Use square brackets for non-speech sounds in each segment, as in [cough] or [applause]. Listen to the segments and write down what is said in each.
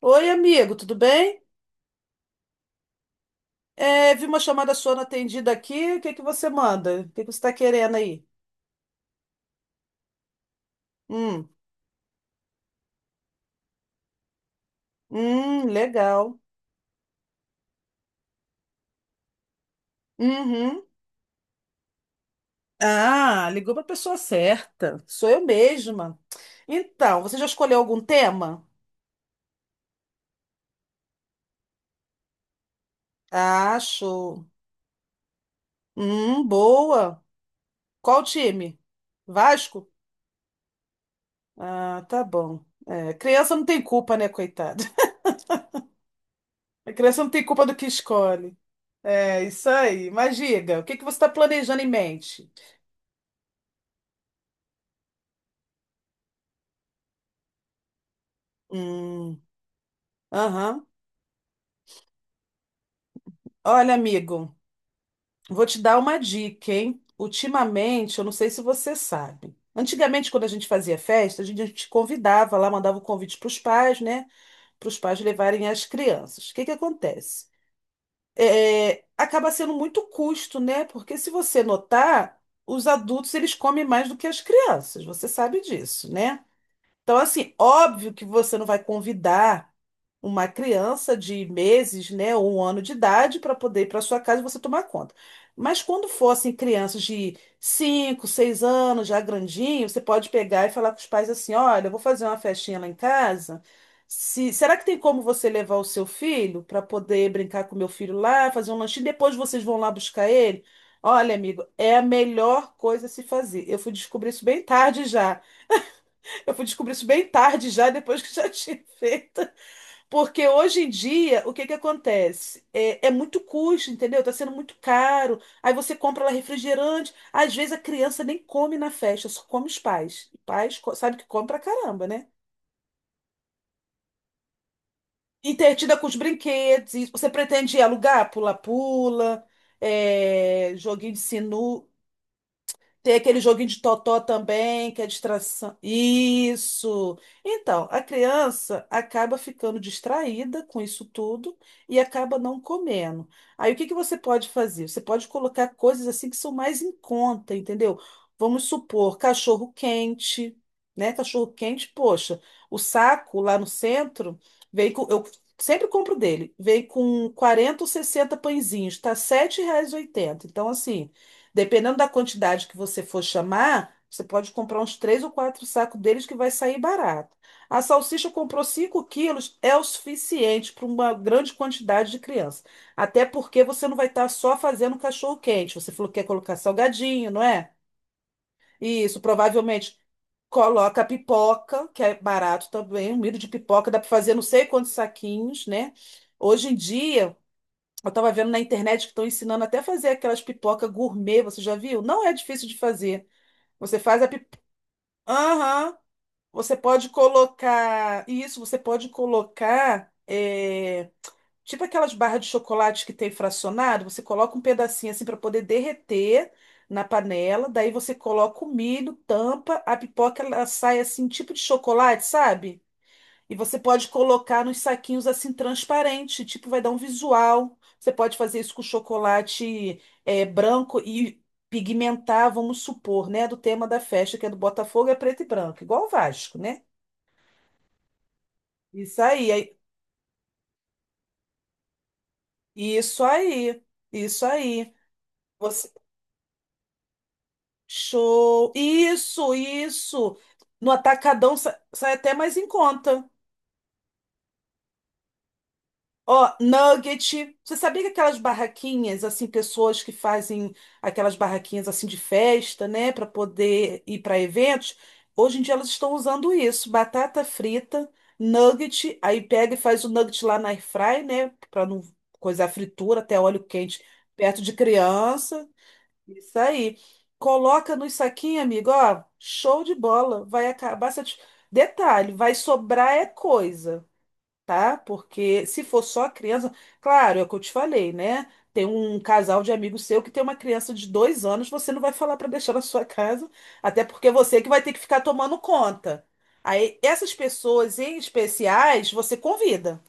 Oi, amigo, tudo bem? É, vi uma chamada sua não atendida aqui. O que que você manda? O que que você está querendo aí? Hum, legal. Uhum. Ah, ligou para a pessoa certa. Sou eu mesma. Então, você já escolheu algum tema? Ah, show. Boa. Qual time? Vasco? Ah, tá bom. É, criança não tem culpa, né, coitada? [laughs] A criança não tem culpa do que escolhe. É, isso aí. Mas diga, o que que você está planejando em mente? Hum, aham. Olha, amigo, vou te dar uma dica, hein? Ultimamente, eu não sei se você sabe. Antigamente, quando a gente fazia festa, a gente convidava lá, mandava o convite para os pais, né? Para os pais levarem as crianças. O que que acontece? É, acaba sendo muito custo, né? Porque se você notar, os adultos eles comem mais do que as crianças. Você sabe disso, né? Então, assim, óbvio que você não vai convidar uma criança de meses, né, ou 1 ano de idade para poder ir para sua casa e você tomar conta. Mas quando fossem crianças de 5, 6 anos, já grandinho, você pode pegar e falar com os pais assim: olha, eu vou fazer uma festinha lá em casa. Se, Será que tem como você levar o seu filho para poder brincar com o meu filho lá, fazer um lanchinho? Depois vocês vão lá buscar ele? Olha, amigo, é a melhor coisa a se fazer. Eu fui descobrir isso bem tarde já. Eu fui descobrir isso bem tarde já, depois que já [laughs] tinha feito. Porque hoje em dia, o que que acontece? É muito custo, entendeu? Tá sendo muito caro. Aí você compra lá refrigerante. Às vezes a criança nem come na festa, só come os pais. E pais sabe que come pra caramba, né? Entretida com os brinquedos. Você pretende alugar pula-pula, é, joguinho de sinu, tem aquele joguinho de totó também, que é distração. Isso! Então, a criança acaba ficando distraída com isso tudo e acaba não comendo. Aí, o que que você pode fazer? Você pode colocar coisas assim que são mais em conta, entendeu? Vamos supor, cachorro quente, né? Cachorro quente, poxa, o saco lá no centro vem com. Eu sempre compro dele, vem com 40 ou 60 pãezinhos, tá R$ 7,80. Então, assim. Dependendo da quantidade que você for chamar, você pode comprar uns 3 ou 4 sacos deles que vai sair barato. A salsicha comprou 5 quilos, é o suficiente para uma grande quantidade de criança. Até porque você não vai estar só fazendo cachorro-quente. Você falou que quer colocar salgadinho, não é? Isso, provavelmente coloca pipoca, que é barato também. Um milho de pipoca dá para fazer não sei quantos saquinhos, né? Hoje em dia, eu tava vendo na internet que estão ensinando até fazer aquelas pipoca gourmet, você já viu? Não é difícil de fazer. Você faz a pipoca. Aham. Você pode colocar. Isso, você pode colocar. Tipo aquelas barras de chocolate que tem fracionado, você coloca um pedacinho assim para poder derreter na panela. Daí você coloca o milho, tampa, a pipoca ela sai assim, tipo de chocolate, sabe? E você pode colocar nos saquinhos assim transparente, tipo, vai dar um visual. Você pode fazer isso com chocolate branco e pigmentar, vamos supor, né? Do tema da festa, que é do Botafogo, é preto e branco, igual o Vasco, né? Isso aí, aí- isso aí, isso aí. Você, Show! Isso, isso! No atacadão sai até mais em conta. Ó, nugget. Você sabia que aquelas barraquinhas, assim, pessoas que fazem aquelas barraquinhas assim de festa, né, para poder ir para eventos, hoje em dia elas estão usando isso, batata frita, nugget, aí pega e faz o nugget lá na air fry, né, para não coisar a fritura, até óleo quente perto de criança. Isso aí. Coloca nos saquinhos, amigo, ó, show de bola. Vai acabar. Detalhe, vai sobrar é coisa, tá? Porque se for só a criança, claro, é o que eu te falei, né? Tem um casal de amigos seu que tem uma criança de 2 anos, você não vai falar para deixar na sua casa, até porque você que vai ter que ficar tomando conta. Aí, essas pessoas em especiais, você convida.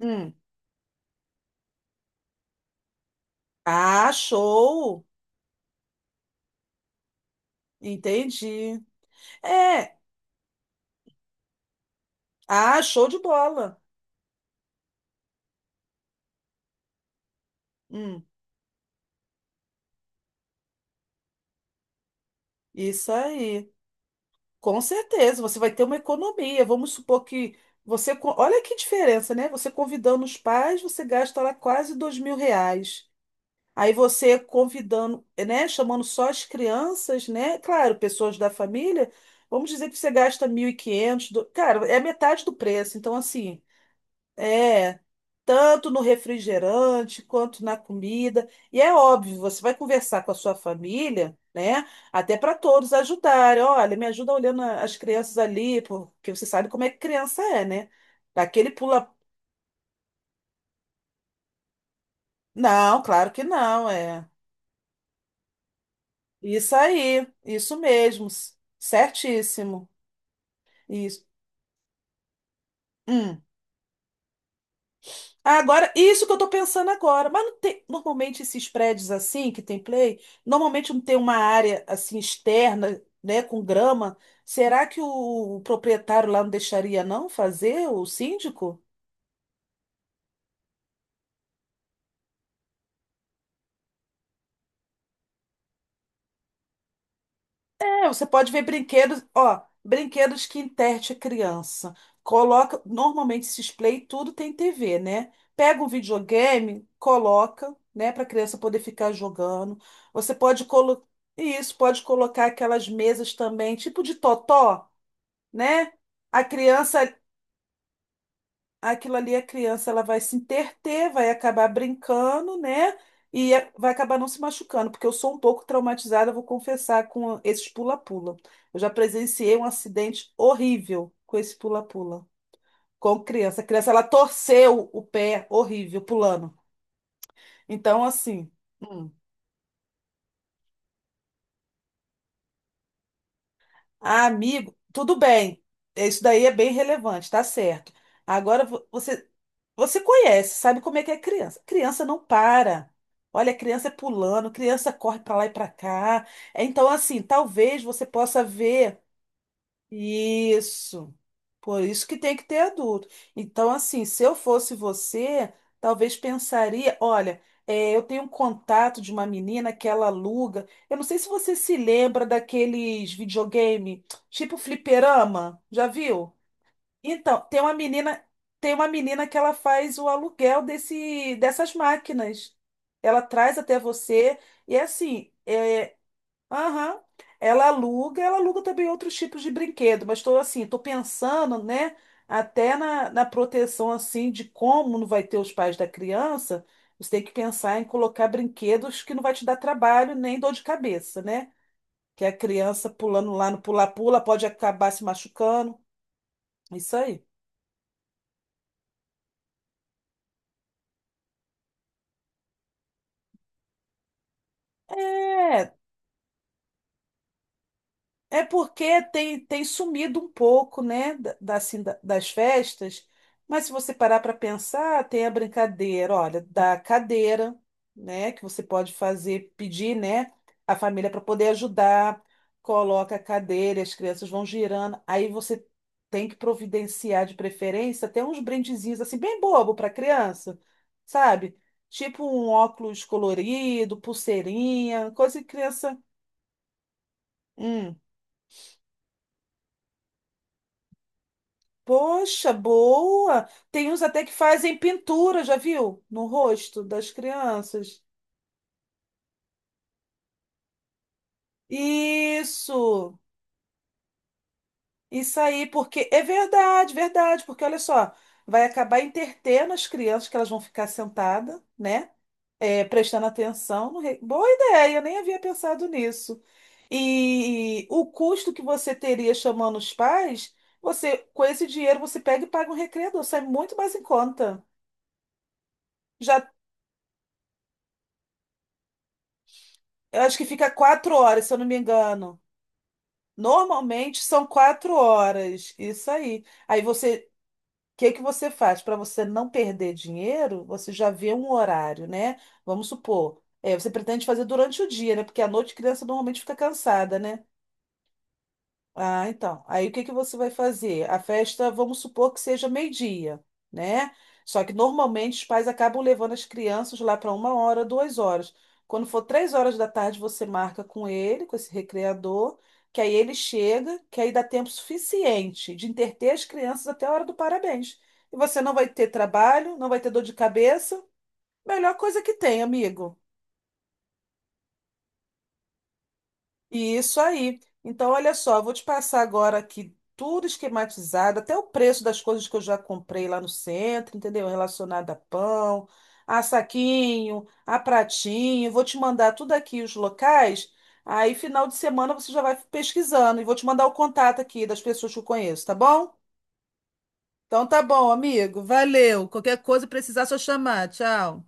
Hum. Ah, show! Entendi. É, ah, show de bola. Hum, isso aí. Com certeza, você vai ter uma economia. Vamos supor que Olha que diferença, né? Você convidando os pais, você gasta lá quase R$ 2.000. Aí você convidando, né? Chamando só as crianças, né? Claro, pessoas da família. Vamos dizer que você gasta 1.500. Cara, é metade do preço. Então, assim. É, tanto no refrigerante quanto na comida. E é óbvio, você vai conversar com a sua família, né? Até para todos ajudarem. Olha, me ajuda olhando as crianças ali, porque você sabe como é que criança é, né? Daquele pula. Não, claro que não, é. Isso aí, isso mesmo, certíssimo. Isso. Hum. Agora, isso que eu tô pensando agora, mas não tem, normalmente esses prédios assim que tem play, normalmente não tem uma área assim externa, né, com grama. Será que proprietário lá não deixaria não fazer, o síndico? É, você pode ver brinquedos, ó, brinquedos que enterte a criança. Coloca, normalmente esses play tudo tem TV, né? Pega um videogame, coloca, né, para a criança poder ficar jogando. Você pode colocar, isso, pode colocar aquelas mesas também, tipo de totó, né? A criança aquilo ali a criança ela vai se interter, vai acabar brincando, né? Vai acabar não se machucando, porque eu sou um pouco traumatizada, vou confessar, com esses pula-pula. Eu já presenciei um acidente horrível com esse pula-pula, com criança. A criança ela torceu o pé horrível pulando. Então, assim, hum, ah, amigo, tudo bem. Isso daí é bem relevante, tá certo. Agora, você conhece, sabe como é que é criança. Criança não para. Olha, criança é pulando, criança corre para lá e para cá. É, então, assim, talvez você possa ver isso. Por isso que tem que ter adulto. Então, assim, se eu fosse você, talvez pensaria, olha, é, eu tenho um contato de uma menina que ela aluga. Eu não sei se você se lembra daqueles videogame, tipo fliperama, já viu? Então, tem uma menina que ela faz o aluguel dessas máquinas. Ela traz até você e é assim, é, aham, ela aluga também outros tipos de brinquedo, mas estou assim, estou pensando, né, até na proteção assim de como não vai ter os pais da criança, você tem que pensar em colocar brinquedos que não vai te dar trabalho nem dor de cabeça, né? Que é a criança pulando lá no pula-pula pode acabar se machucando. Isso aí. É, é porque tem sumido um pouco, né, das festas, mas se você parar para pensar, tem a brincadeira, olha, da cadeira, né, que você pode fazer, pedir, né, a família para poder ajudar, coloca a cadeira, as crianças vão girando, aí você tem que providenciar de preferência até uns brindezinhos assim bem bobo para criança, sabe? Tipo um óculos colorido, pulseirinha, coisa que criança, hum. Poxa, boa! Tem uns até que fazem pintura, já viu? No rosto das crianças. Isso! Isso aí, porque é verdade, verdade, porque olha só, vai acabar entretendo as crianças que elas vão ficar sentadas, né? É, prestando atenção. No re- Boa ideia, eu nem havia pensado nisso. E o custo que você teria chamando os pais, você, com esse dinheiro, você pega e paga um recreador, sai muito mais em conta. Já Eu acho que fica 4 horas, se eu não me engano. Normalmente são 4 horas. Isso aí. Aí você, o que que você faz? Para você não perder dinheiro, você já vê um horário, né? Vamos supor, é, você pretende fazer durante o dia, né? Porque à noite a criança normalmente fica cansada, né? Ah, então. Aí o que que você vai fazer? A festa, vamos supor que seja meio-dia, né? Só que normalmente os pais acabam levando as crianças lá para 1 hora, 2 horas. Quando for 3 horas da tarde, você marca com ele, com esse recreador, que aí ele chega, que aí dá tempo suficiente de entreter as crianças até a hora do parabéns. E você não vai ter trabalho, não vai ter dor de cabeça. Melhor coisa que tem, amigo. Isso aí. Então, olha só, eu vou te passar agora aqui tudo esquematizado, até o preço das coisas que eu já comprei lá no centro, entendeu? Relacionado a pão, a saquinho, a pratinho. Vou te mandar tudo aqui os locais. Aí, final de semana, você já vai pesquisando. E vou te mandar o contato aqui das pessoas que eu conheço, tá bom? Então, tá bom, amigo. Valeu. Qualquer coisa, precisar, é só chamar. Tchau.